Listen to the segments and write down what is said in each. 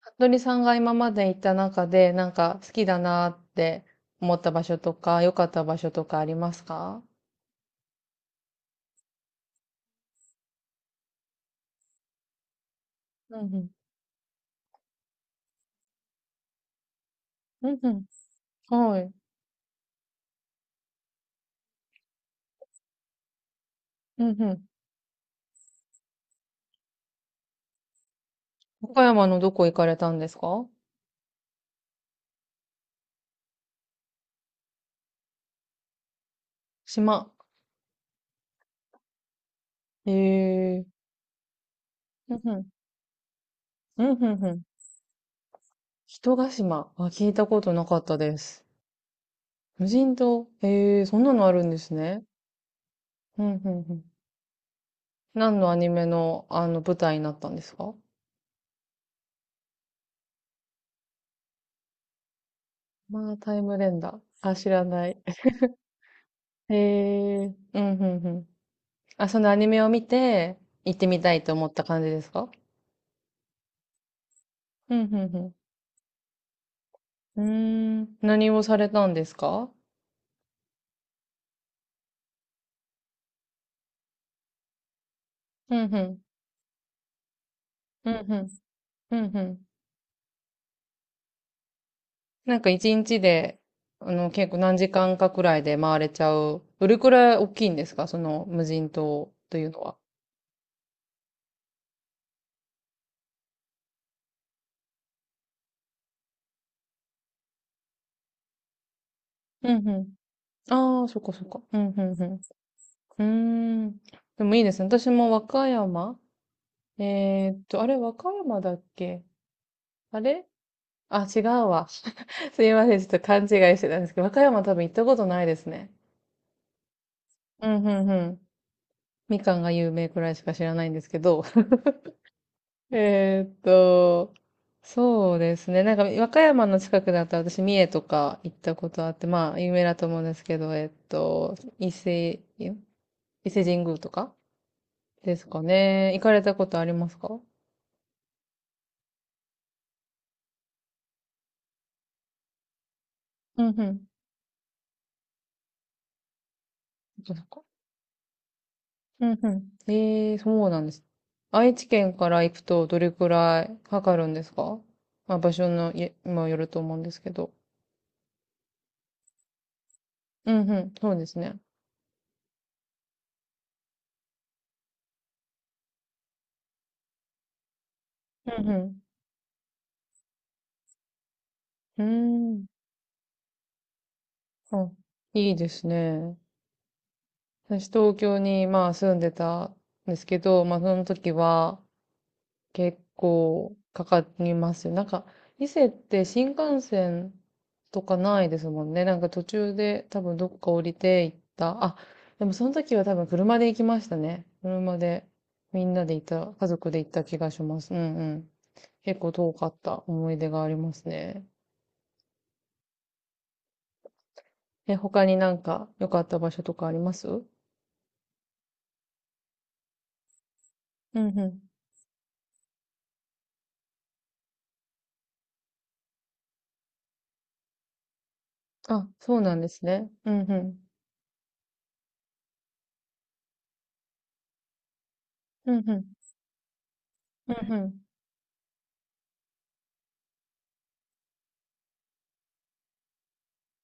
服部さんが今まで行った中で、なんか好きだなって思った場所とか、良かった場所とかありますか？うんうん。うんうん。はい。うんうん。岡山のどこ行かれたんですか？島。へえ。うんうん。うんうんうん。人ヶ島。あ、聞いたことなかったです。無人島。へえ、そんなのあるんですね。うんうんうん。何のアニメの、あの、舞台になったんですか？まあ、タイムレンダー。あ、知らない。へえ。うんうんうん。あ、そのアニメを見て、行ってみたいと思った感じですか？うん、うん、うん。うーん、何をされたんですか？うん、うん、うん、うん、うん、うん。なんか一日で、あの、結構何時間かくらいで回れちゃう。どれくらい大きいんですか、その無人島というのは。うん、うん。ああ、そっかそっか。うん、うん、うん。うーん。でもいいですね。私も和歌山、あれ、和歌山だっけ？あれ、あ、違うわ。すいません、ちょっと勘違いしてたんですけど、和歌山多分行ったことないですね。うん、うん、うん。みかんが有名くらいしか知らないんですけど。えーっと、そうですね。なんか、和歌山の近くだったら私、三重とか行ったことあって、まあ、有名だと思うんですけど、伊勢神宮とかですかね。行かれたことありますか？うんうん。そっかそっか、うんうん。ええ、そうなんです。愛知県から行くとどれくらいかかるんですか？まあ場所のいにもよると思うんですけど。うんうん、そうですね。うんうん。うーん。あ、いいですね。私東京にまあ住んでたんですけど、まあその時は、結構かかりますよ。なんか、伊勢って新幹線とかないですもんね。なんか途中で多分どっか降りて行った。あ、でもその時は多分車で行きましたね。車で、みんなで行った、家族で行った気がします。うんうん。結構遠かった思い出がありますね。え、他になんか良かった場所とかあります？うんうん。あ、そうなんですね。うんうん。うんうん。うん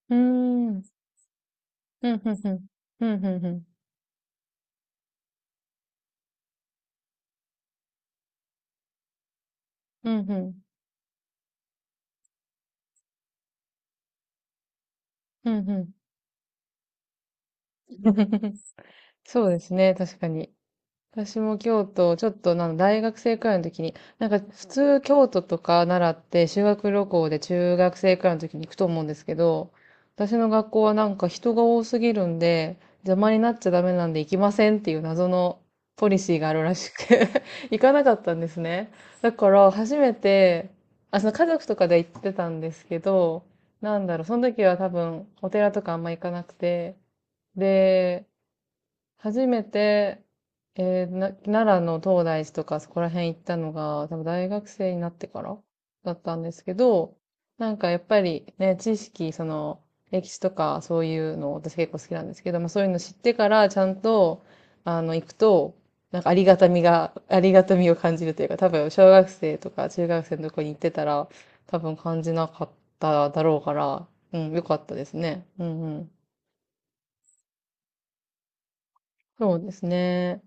うん。うーん。うんうんうん。うんうんうん。うんうん。うんうん。そうですね、確かに。私も京都、ちょっとなん大学生くらいの時に、なんか普通京都とか奈良って修学旅行で中学生くらいの時に行くと思うんですけど、私の学校はなんか人が多すぎるんで、邪魔になっちゃダメなんで行きませんっていう謎のポリシーがあるらしくて 行かなかったんですね。だから初めて、あ、その家族とかで行ってたんですけど、なんだろう、その時は多分お寺とかあんま行かなくて、で、初めて、えーな、奈良の東大寺とかそこら辺行ったのが、多分大学生になってからだったんですけど、なんかやっぱりね、知識、その、歴史とかそういうの私結構好きなんですけど、まあそういうの知ってからちゃんと、あの、行くと、なんかありがたみが、ありがたみを感じるというか、多分小学生とか中学生のとこに行ってたら、多分感じなかっただろうから、うん、よかったですね。うんうん。そうですね。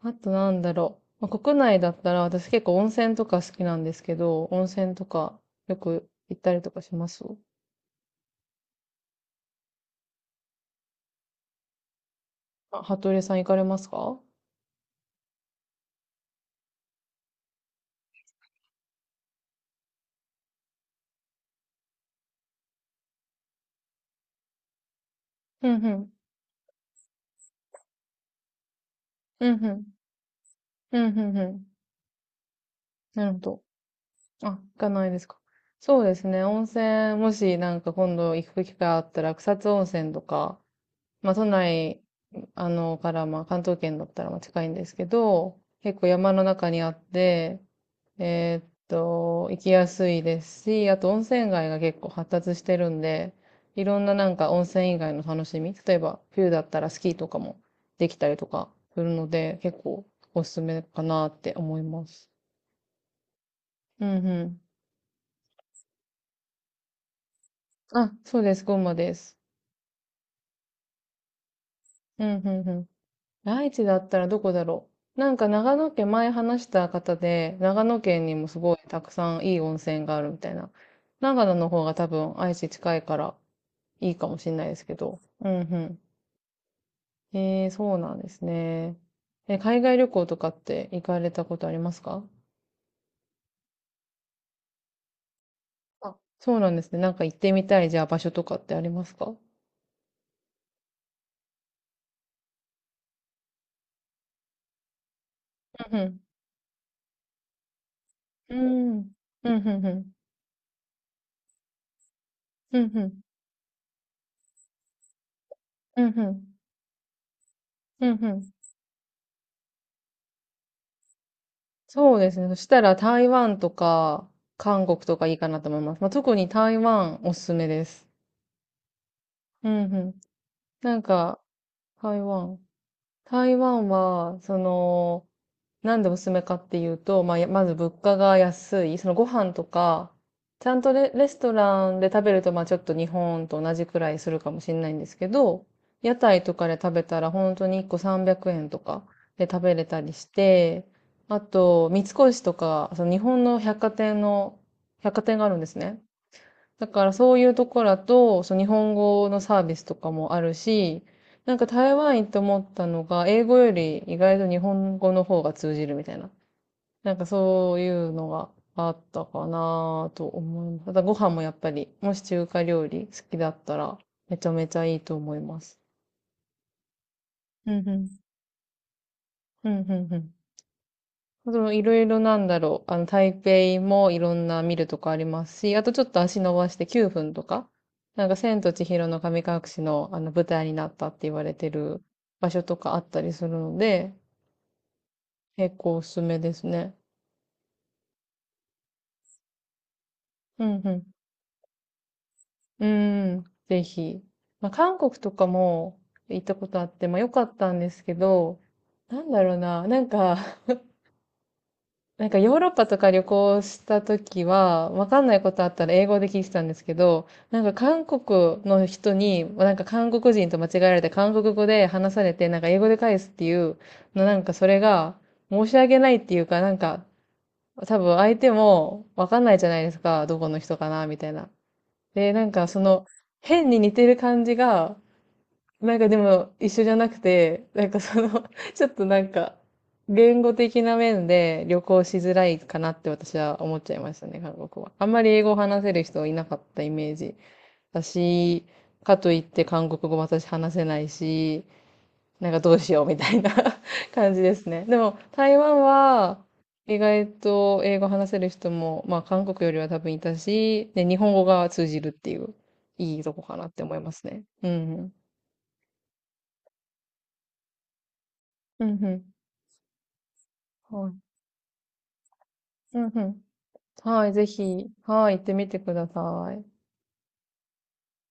あとなんだろう。まあ、国内だったら私結構温泉とか好きなんですけど、温泉とかよく行ったりとかします？あ、服部さん行かれますか？うんうん。うんうん。うんうんうん。なるほど。あ、行かないですか。そうですね。温泉、もしなんか今度行く機会あったら草津温泉とか、まあ、都内、あの、から、まあ、関東圏だったら、まあ、近いんですけど、結構山の中にあって、行きやすいですし、あと温泉街が結構発達してるんで、いろんななんか温泉以外の楽しみ、例えば冬だったらスキーとかもできたりとかするので、結構おすすめかなって思います。うんうん。あ、そうです、群馬です。うんうんうん。愛知だったらどこだろう。なんか長野県、前話した方で、長野県にもすごいたくさんいい温泉があるみたいな。長野の方が多分愛知近いからいいかもしれないですけど。うんうん。そうなんですね。え、海外旅行とかって行かれたことありますか？あ、そうなんですね。なんか行ってみたい、じゃあ場所とかってありますか？うんうん。うん。うんうんうん。うんうん。うんうん。うんうん。そうですね。そしたら台湾とか韓国とかいいかなと思います。まあ、特に台湾おすすめです。うんうん。なんか、台湾。台湾は、その、なんでおすすめかっていうと、まあ、やまず物価が安い、そのご飯とか、ちゃんとレストランで食べると、まあちょっと日本と同じくらいするかもしれないんですけど、屋台とかで食べたら本当に1個300円とかで食べれたりして、あと、三越とか、その日本の百貨店の、百貨店があるんですね。だからそういうところだと、そう日本語のサービスとかもあるし、なんか台湾行って思ったのが、英語より意外と日本語の方が通じるみたいな。なんかそういうのがあったかなと思います。ただご飯もやっぱり、もし中華料理好きだったら、めちゃめちゃいいと思います。うんうん。うんうんうん。そのいろいろなんだろう。あの、台北もいろんな見るとこありますし、あとちょっと足伸ばして9分とか、なんか千と千尋の神隠しのあの舞台になったって言われてる場所とかあったりするので、結構おすすめですね。うんうん。うーん、ぜひ。まあ、韓国とかも行ったことあって、まあ良かったんですけど、なんだろうな、なんかヨーロッパとか旅行した時は、わかんないことあったら英語で聞いてたんですけど、なんか韓国の人に、なんか韓国人と間違えられて韓国語で話されて、なんか英語で返すっていう、のなんかそれが申し訳ないっていうか、なんか多分相手もわかんないじゃないですか、どこの人かな、みたいな。で、なんかその変に似てる感じが、なんかでも一緒じゃなくて、なんかその ちょっとなんか、言語的な面で旅行しづらいかなって私は思っちゃいましたね、韓国は。あんまり英語を話せる人いなかったイメージだし、かといって韓国語も私話せないし、なんかどうしようみたいな 感じですね。でも台湾は意外と英語話せる人も、まあ韓国よりは多分いたし、で、日本語が通じるっていう、いいとこかなって思いますね。うんうん。うんうん。はい、うんうん。はい、ぜひ、はい、行ってみてください。